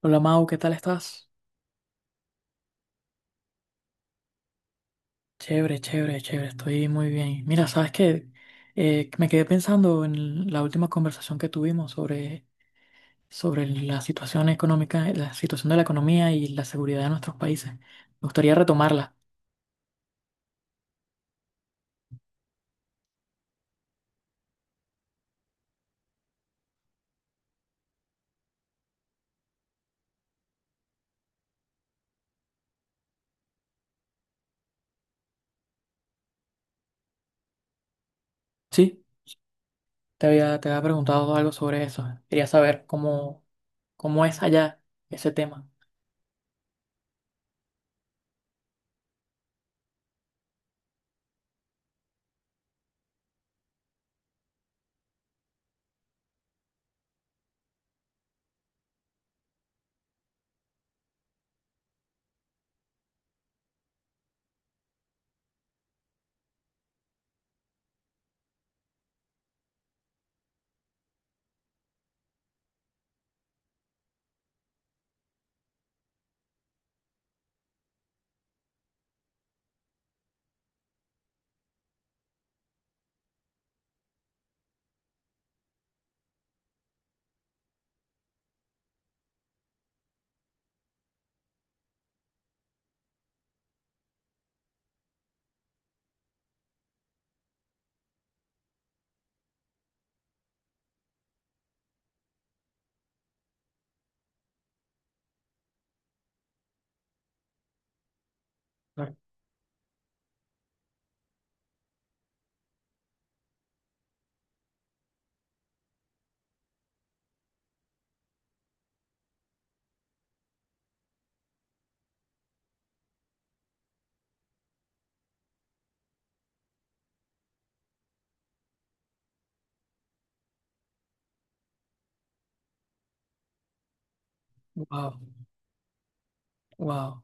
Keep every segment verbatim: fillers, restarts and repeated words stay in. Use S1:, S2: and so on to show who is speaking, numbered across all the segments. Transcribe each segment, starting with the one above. S1: Hola Mau, ¿qué tal estás? Chévere, chévere, chévere, estoy muy bien. Mira, ¿sabes qué? Eh, me quedé pensando en la última conversación que tuvimos sobre, sobre la situación económica, la situación de la economía y la seguridad de nuestros países. Me gustaría retomarla. Sí, te había, te había preguntado algo sobre eso. Quería saber cómo, cómo es allá ese tema. Wow, wow.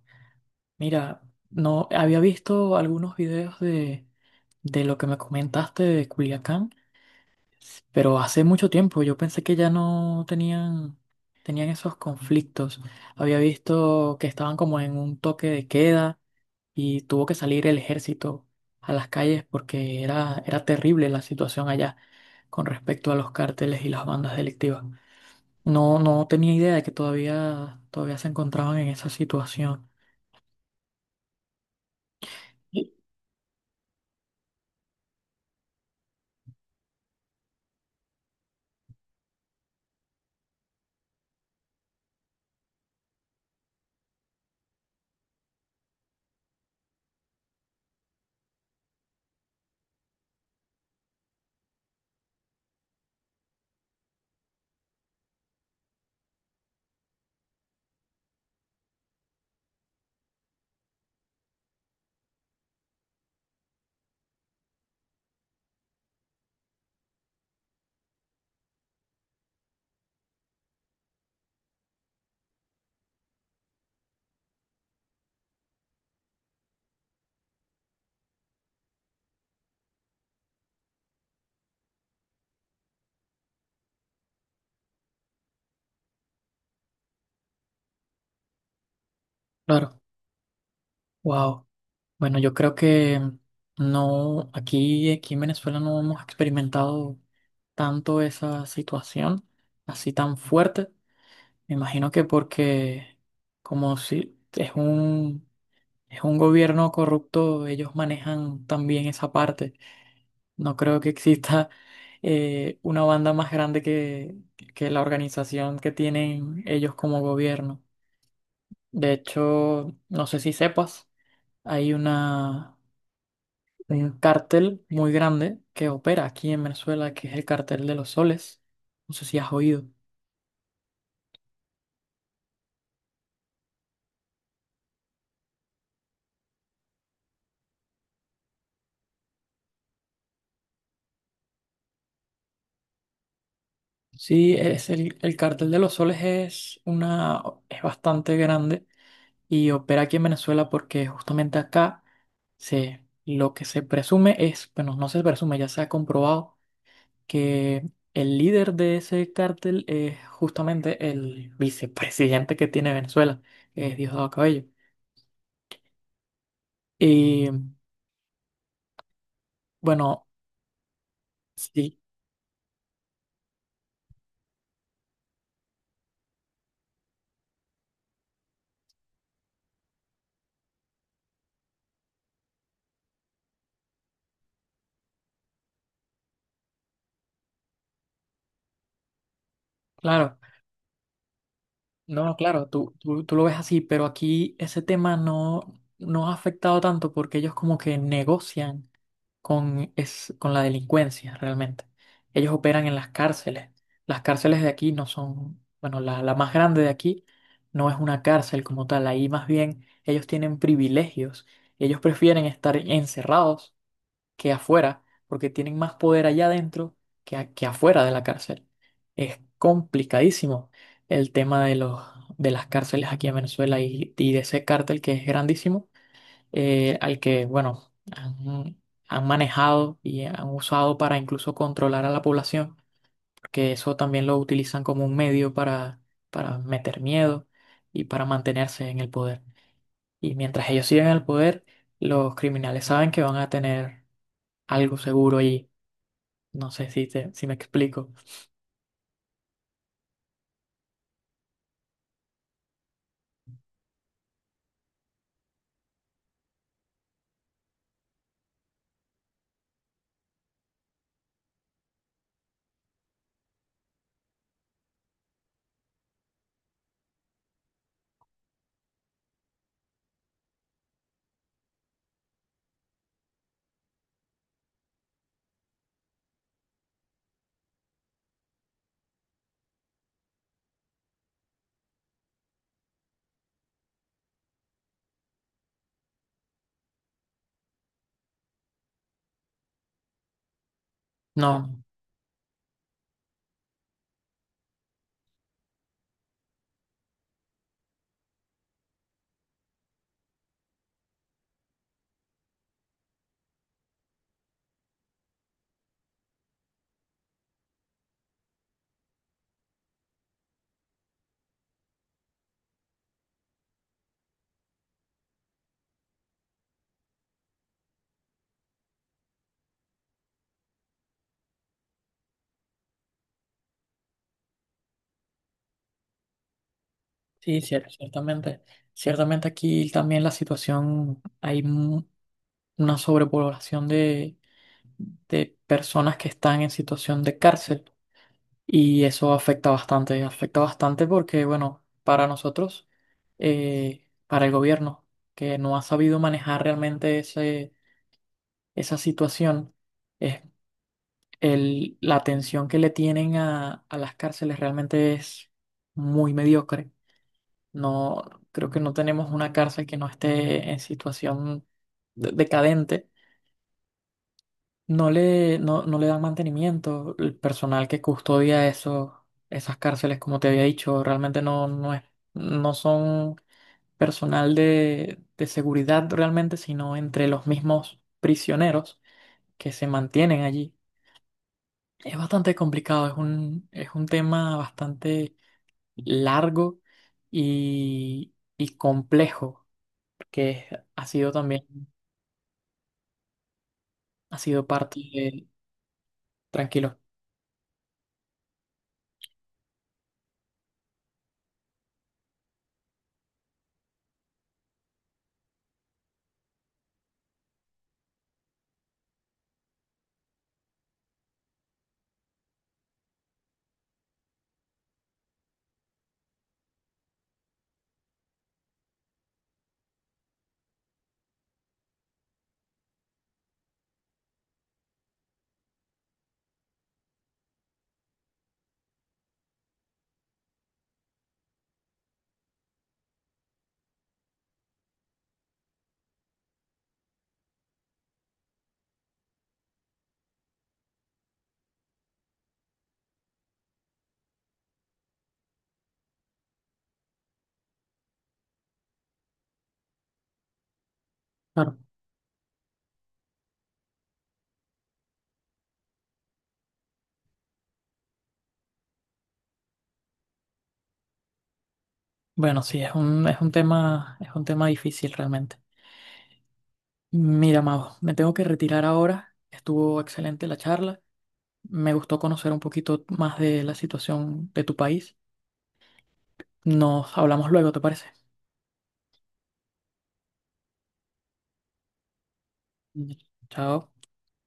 S1: Mira, no había visto algunos videos de, de lo que me comentaste de Culiacán. Pero hace mucho tiempo yo pensé que ya no tenían, tenían esos conflictos. Había visto que estaban como en un toque de queda y tuvo que salir el ejército a las calles porque era, era terrible la situación allá con respecto a los cárteles y las bandas delictivas. No, no tenía idea de que todavía, todavía se encontraban en esa situación. Y- Claro, wow. Bueno, yo creo que no, aquí, aquí en Venezuela no hemos experimentado tanto esa situación así tan fuerte. Me imagino que porque como si es un, es un gobierno corrupto, ellos manejan también esa parte. No creo que exista eh, una banda más grande que, que la organización que tienen ellos como gobierno. De hecho, no sé si sepas, hay una. Hay un cártel muy grande que opera aquí en Venezuela, que es el cártel de los soles. No sé si has oído. Sí, es el, el cártel de los soles es una, es bastante grande y opera aquí en Venezuela porque justamente acá se, lo que se presume es, bueno, no se presume, ya se ha comprobado que el líder de ese cártel es justamente el vicepresidente que tiene Venezuela, que es Diosdado Cabello. Y bueno, sí, claro. No, claro, tú, tú, tú lo ves así, pero aquí ese tema no, no ha afectado tanto porque ellos como que negocian con, es, con la delincuencia realmente. Ellos operan en las cárceles. Las cárceles de aquí no son, bueno, la, la más grande de aquí no es una cárcel como tal. Ahí más bien ellos tienen privilegios. Ellos prefieren estar encerrados que afuera, porque tienen más poder allá adentro que, a- que afuera de la cárcel. Es complicadísimo el tema de los, de las cárceles aquí en Venezuela y, y de ese cártel que es grandísimo, eh, al que, bueno, han, han manejado y han usado para incluso controlar a la población, porque eso también lo utilizan como un medio para, para meter miedo y para mantenerse en el poder. Y mientras ellos sigan el poder, los criminales saben que van a tener algo seguro allí. No sé si, te, si me explico. No, sí, cier- ciertamente. Ciertamente aquí también la situación, hay mu- una sobrepoblación de, de personas que están en situación de cárcel y eso afecta bastante. Afecta bastante porque, bueno, para nosotros, eh, para el gobierno, que no ha sabido manejar realmente ese, esa situación, es el, la atención que le tienen a, a las cárceles realmente es muy mediocre. No, creo que no tenemos una cárcel que no esté en situación de- decadente. No le, no, no le dan mantenimiento. El personal que custodia eso, esas cárceles, como te había dicho, realmente no, no es, no son personal de, de seguridad realmente, sino entre los mismos prisioneros que se mantienen allí. Es bastante complicado, es un, es un tema bastante largo y, y complejo. Que es- ha sido también, ha sido parte de... Tranquilo. Claro. Bueno, sí, es un, es un tema, es un tema difícil realmente. Mira, Mago, me tengo que retirar ahora. Estuvo excelente la charla. Me gustó conocer un poquito más de la situación de tu país. Nos hablamos luego, ¿te parece? Chao.